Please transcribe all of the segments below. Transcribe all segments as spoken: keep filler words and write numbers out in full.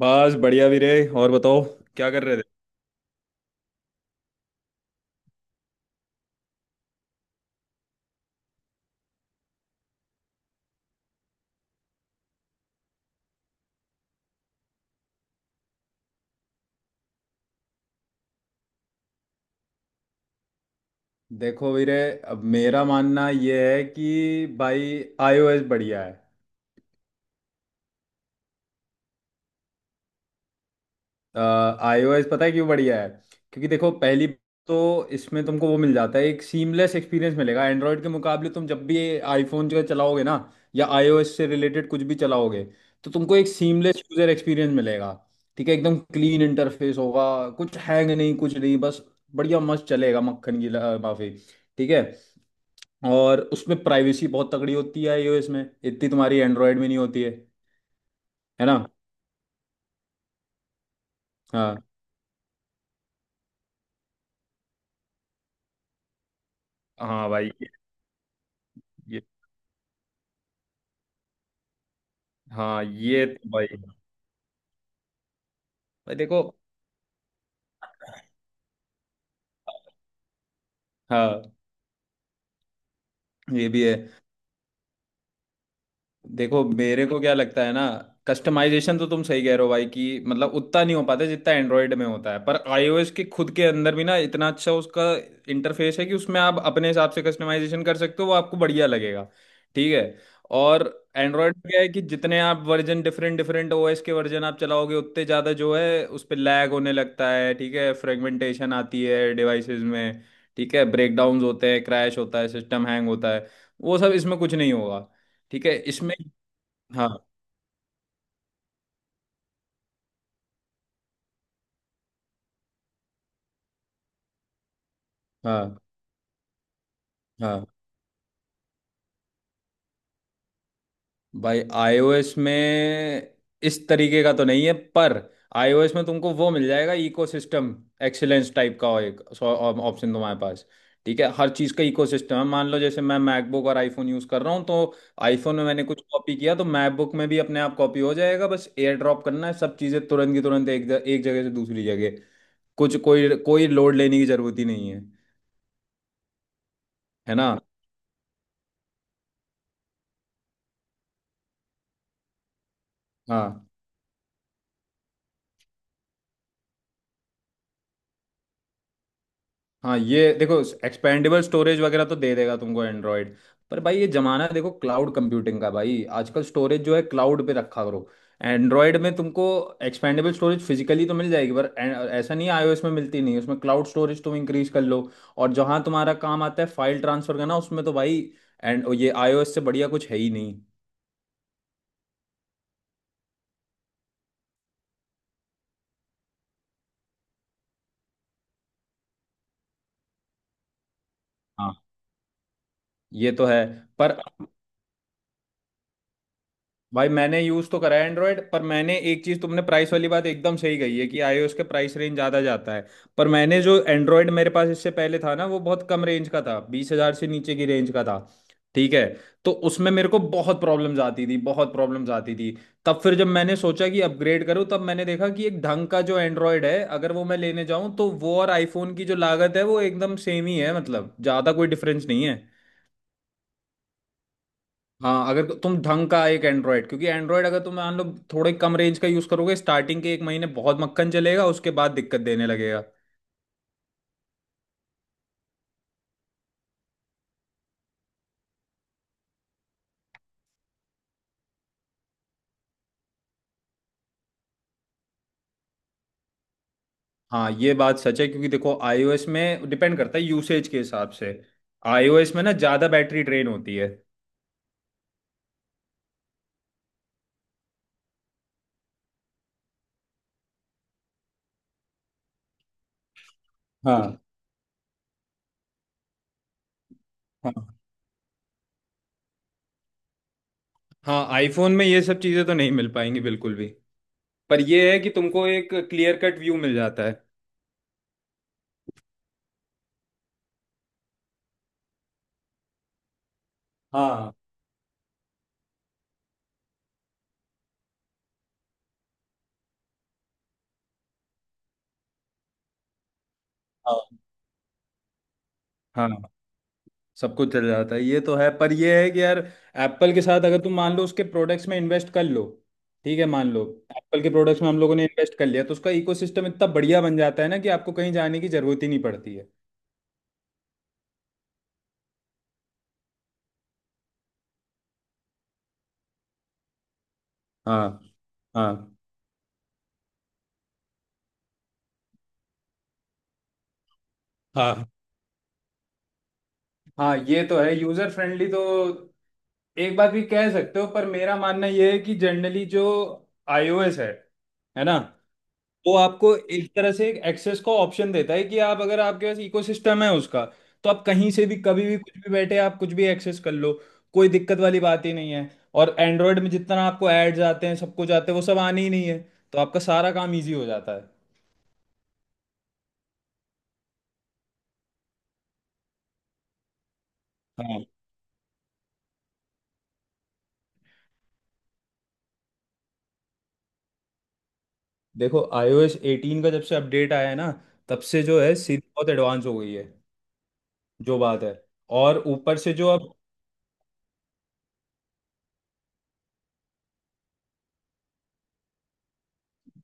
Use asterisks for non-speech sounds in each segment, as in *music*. बस बढ़िया वीरे। और बताओ क्या कर रहे थे? देखो वीरे, अब मेरा मानना ये है कि भाई आईओएस बढ़िया है। आईओएस पता है क्यों बढ़िया है? क्योंकि देखो पहली तो इसमें तुमको वो मिल जाता है, एक सीमलेस एक्सपीरियंस मिलेगा एंड्रॉयड के मुकाबले। तुम जब भी आईफोन जो चलाओगे ना या आईओएस से रिलेटेड कुछ भी चलाओगे तो तुमको एक सीमलेस यूजर एक्सपीरियंस मिलेगा। ठीक है, एकदम क्लीन इंटरफेस होगा, कुछ हैंग नहीं, कुछ नहीं, बस बढ़िया मस्त चलेगा मक्खन की ल- माफी। ठीक है। और उसमें प्राइवेसी बहुत तगड़ी होती है iOS में, इतनी तुम्हारी एंड्रॉयड में नहीं होती है। है ना। हाँ। हाँ भाई ये, ये, हाँ ये तो भाई। भाई देखो। हाँ ये भी है। देखो मेरे को क्या लगता है ना, कस्टमाइजेशन तो तुम सही कह रहे हो भाई कि मतलब उतना नहीं हो पाता जितना एंड्रॉयड में होता है, पर आईओएस के खुद के अंदर भी ना इतना अच्छा उसका इंटरफेस है कि उसमें आप अपने हिसाब से कस्टमाइजेशन कर सकते हो, वो आपको बढ़िया लगेगा। ठीक है। और एंड्रॉयड में क्या है कि जितने आप वर्जन डिफरेंट डिफरेंट ओएस के वर्जन आप चलाओगे उतने ज़्यादा जो है उस पर लैग होने लगता है। ठीक है, फ्रेगमेंटेशन आती है डिवाइसेस में। ठीक है, ब्रेकडाउन्स होते हैं, क्रैश होता है, सिस्टम हैंग होता है, वो सब इसमें कुछ नहीं होगा। ठीक है इसमें। हाँ। हाँ। हाँ भाई iOS में इस तरीके का तो नहीं है, पर iOS में तुमको वो मिल जाएगा इकोसिस्टम एक्सीलेंस टाइप का एक ऑप्शन तुम्हारे पास। ठीक है, हर चीज़ का इकोसिस्टम है। मान लो जैसे मैं मैकबुक और आईफोन यूज़ कर रहा हूँ तो आईफोन में मैंने कुछ कॉपी किया तो मैकबुक में भी अपने आप कॉपी हो जाएगा, बस एयर ड्रॉप करना है। सब चीज़ें तुरंत की तुरंत एक, एक जगह से दूसरी जगह। कुछ कोई कोई लोड लेने की ज़रूरत ही नहीं है। है ना। हाँ। हाँ ये देखो, एक्सपेंडेबल स्टोरेज वगैरह तो दे देगा तुमको एंड्रॉयड, पर भाई ये जमाना है, देखो क्लाउड कंप्यूटिंग का भाई, आजकल स्टोरेज जो है क्लाउड पे रखा करो। एंड्रॉयड में तुमको एक्सपेंडेबल स्टोरेज फिजिकली तो मिल जाएगी पर ए- ऐसा नहीं आईओएस में मिलती नहीं, उसमें क्लाउड स्टोरेज तुम इंक्रीज कर लो। और जहां तुम्हारा काम आता है फाइल ट्रांसफर करना उसमें तो भाई एंड ये आईओएस से बढ़िया कुछ है ही नहीं। हाँ ये तो है, पर भाई मैंने यूज तो करा है एंड्रॉयड, पर मैंने एक चीज तुमने प्राइस वाली बात एकदम सही कही है कि आईओएस के प्राइस रेंज ज्यादा जाता है, पर मैंने जो एंड्रॉयड मेरे पास इससे पहले था ना वो बहुत कम रेंज का था, बीस हजार से नीचे की रेंज का था। ठीक है, तो उसमें मेरे को बहुत प्रॉब्लम्स आती थी, बहुत प्रॉब्लम्स आती थी। तब फिर जब मैंने सोचा कि अपग्रेड करूं तब मैंने देखा कि एक ढंग का जो एंड्रॉयड है अगर वो मैं लेने जाऊं तो वो और आईफोन की जो लागत है वो एकदम सेम ही है, मतलब ज्यादा कोई डिफरेंस नहीं है। हाँ, अगर तुम ढंग का एक एंड्रॉयड, क्योंकि एंड्रॉयड अगर तुम मान लो थोड़े कम रेंज का यूज़ करोगे स्टार्टिंग के एक महीने बहुत मक्खन चलेगा, उसके बाद दिक्कत देने लगेगा। हाँ ये बात सच है, क्योंकि देखो आईओएस में डिपेंड करता है यूसेज के हिसाब से। आईओएस में ना ज़्यादा बैटरी ड्रेन होती है। हाँ। हाँ। हाँ आईफोन में ये सब चीज़ें तो नहीं मिल पाएंगी बिल्कुल भी, पर ये है कि तुमको एक क्लियर कट व्यू मिल जाता है। हाँ। हाँ। हाँ सब कुछ चल जाता है, ये तो है, पर ये है कि यार एप्पल के साथ अगर तुम मान लो उसके प्रोडक्ट्स में इन्वेस्ट कर लो। ठीक है, मान लो एप्पल के प्रोडक्ट्स में हम लोगों ने इन्वेस्ट कर लिया तो उसका इकोसिस्टम इतना बढ़िया बन जाता है ना कि आपको कहीं जाने की जरूरत ही नहीं पड़ती है। हाँ। हाँ। हाँ। हाँ ये तो है यूजर फ्रेंडली तो एक बात भी कह सकते हो, पर मेरा मानना ये है कि जनरली जो आईओएस है है ना, वो आपको एक तरह से एक एक्सेस का ऑप्शन देता है कि आप अगर आपके पास इकोसिस्टम है उसका तो आप कहीं से भी कभी भी कुछ भी बैठे आप कुछ भी एक्सेस कर लो। कोई दिक्कत वाली बात ही नहीं है। और एंड्रॉयड में जितना आपको एड्स आते हैं सब कुछ आते हैं वो सब आने ही नहीं है, तो आपका सारा काम इजी हो जाता है। हाँ देखो iOS एटीन का जब से अपडेट आया है ना तब से जो है सीधी बहुत एडवांस हो गई है, जो बात है। और ऊपर से जो अब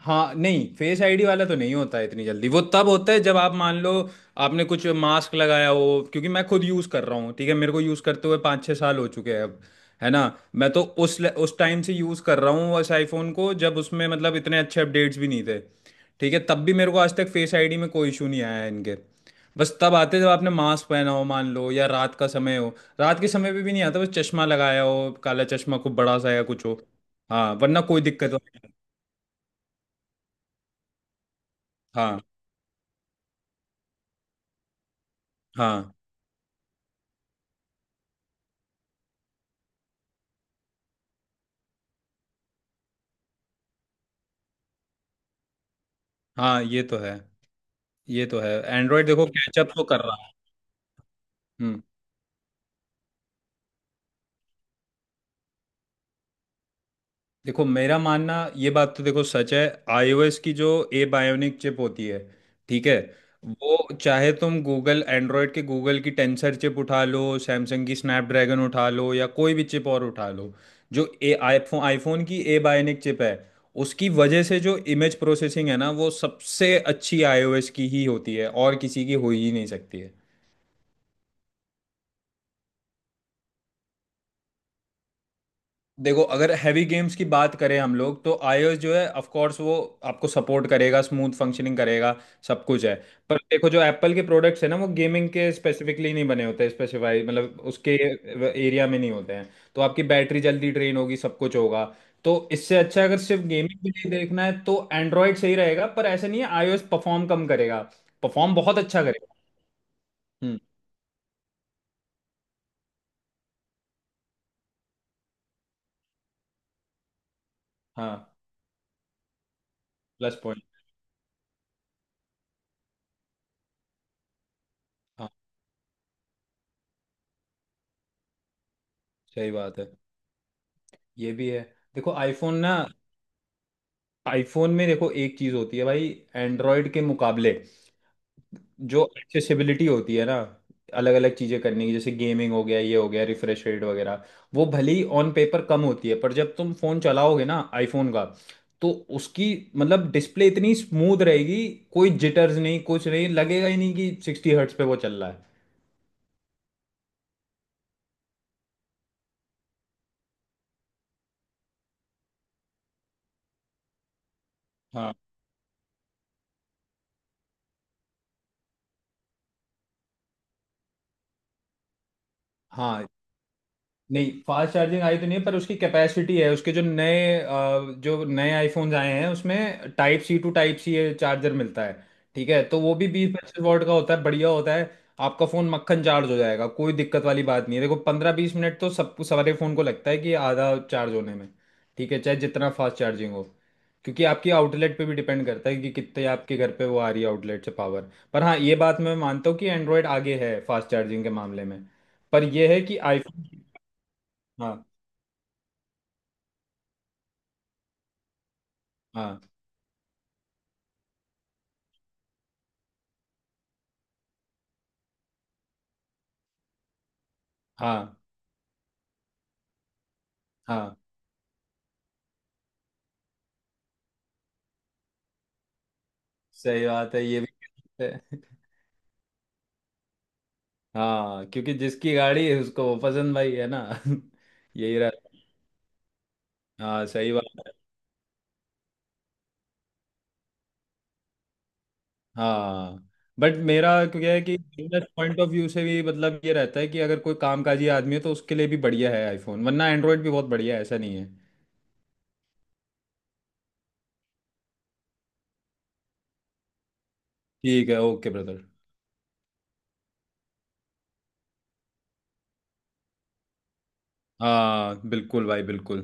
हाँ, नहीं फेस आईडी वाला तो नहीं होता है इतनी जल्दी, वो तब होता है जब आप मान लो आपने कुछ मास्क लगाया हो। क्योंकि मैं खुद यूज़ कर रहा हूँ, ठीक है, मेरे को यूज़ करते हुए पाँच छः साल हो चुके हैं अब। है ना, मैं तो उस उस टाइम से यूज़ कर रहा हूँ उस आईफोन को जब उसमें मतलब इतने अच्छे अपडेट्स भी नहीं थे। ठीक है, तब भी मेरे को आज तक फेस आईडी में कोई इशू नहीं आया है इनके। बस तब आते हैं जब आपने मास्क पहना हो मान लो, या रात का समय हो। रात के समय पे भी नहीं आता, बस चश्मा लगाया हो, काला चश्मा खूब बड़ा सा या कुछ हो। हाँ वरना कोई दिक्कत हो। हाँ। हाँ। हाँ ये तो है, ये तो है, एंड्रॉयड देखो कैचअप तो कर रहा है। हम्म। देखो मेरा मानना, ये बात तो देखो सच है, आईओएस की जो ए बायोनिक चिप होती है, ठीक है, वो चाहे तुम गूगल एंड्रॉयड के गूगल की टेंसर चिप उठा लो, सैमसंग की स्नैपड्रैगन उठा लो या कोई भी चिप और उठा लो, जो ए आईफोन आईफोन की ए बायोनिक चिप है उसकी वजह से जो इमेज प्रोसेसिंग है ना वो सबसे अच्छी आईओएस की ही होती है, और किसी की हो ही नहीं सकती है। देखो अगर हैवी गेम्स की बात करें हम लोग तो iOS जो है ऑफ कोर्स वो आपको सपोर्ट करेगा, स्मूथ फंक्शनिंग करेगा, सब कुछ है, पर देखो जो एप्पल के प्रोडक्ट्स है ना वो गेमिंग के स्पेसिफिकली नहीं बने होते, स्पेसिफाई मतलब उसके एरिया में नहीं होते हैं, तो आपकी बैटरी जल्दी ड्रेन होगी, सब कुछ होगा। तो इससे अच्छा अगर सिर्फ गेमिंग के लिए देखना है तो एंड्रॉयड सही रहेगा, पर ऐसा नहीं है iOS परफॉर्म कम करेगा, परफॉर्म बहुत अच्छा करेगा। हम्म। हाँ प्लस पॉइंट। हाँ सही बात है, ये भी है। देखो आईफोन ना, आईफोन में देखो एक चीज़ होती है भाई एंड्रॉयड के मुकाबले, जो एक्सेसिबिलिटी होती है ना अलग अलग चीज़ें करने की जैसे गेमिंग हो गया, ये हो गया, रिफ्रेश रेट वगैरह, वो भले ही ऑन पेपर कम होती है पर जब तुम फ़ोन चलाओगे ना आईफोन का तो उसकी मतलब डिस्प्ले इतनी स्मूथ रहेगी, कोई जिटर्स नहीं कुछ नहीं, लगेगा ही नहीं कि सिक्सटी हर्ट्स पे वो चल रहा है। हाँ। हाँ नहीं फास्ट चार्जिंग आई तो नहीं है, पर उसकी कैपेसिटी है उसके जो नए अ, जो नए आईफोन्स आए हैं उसमें type C to type C charger मिलता है। ठीक है, तो वो भी बीस पच्चीस वॉट का होता है, बढ़िया होता है। आपका फ़ोन मक्खन चार्ज हो जाएगा, कोई दिक्कत वाली बात नहीं है। देखो पंद्रह बीस मिनट तो सबको सारे फ़ोन को लगता है कि आधा चार्ज होने में, ठीक है, चाहे जितना फास्ट चार्जिंग हो, क्योंकि आपकी आउटलेट पे भी डिपेंड करता है कि कितने आपके घर पे वो आ रही है आउटलेट से पावर, पर हाँ ये बात मैं मानता हूँ कि एंड्रॉयड आगे है फास्ट चार्जिंग के मामले में, पर यह है कि आईफोन। हाँ। हाँ। हाँ सही बात है ये भी *laughs* कह सकते हैं। हाँ क्योंकि जिसकी गाड़ी है उसको वो पसंद भाई है ना *laughs* यही रहता। हाँ सही बात। हाँ। बट मेरा क्या है कि बिजनेस पॉइंट ऑफ व्यू से भी मतलब ये रहता है कि अगर कोई कामकाजी आदमी है तो उसके लिए भी बढ़िया है आईफोन, वरना एंड्रॉयड भी बहुत बढ़िया है, ऐसा नहीं है। ठीक है ओके ब्रदर। हाँ बिल्कुल भाई बिल्कुल।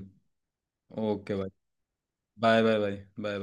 ओके भाई। Bye bye bye. Bye bye.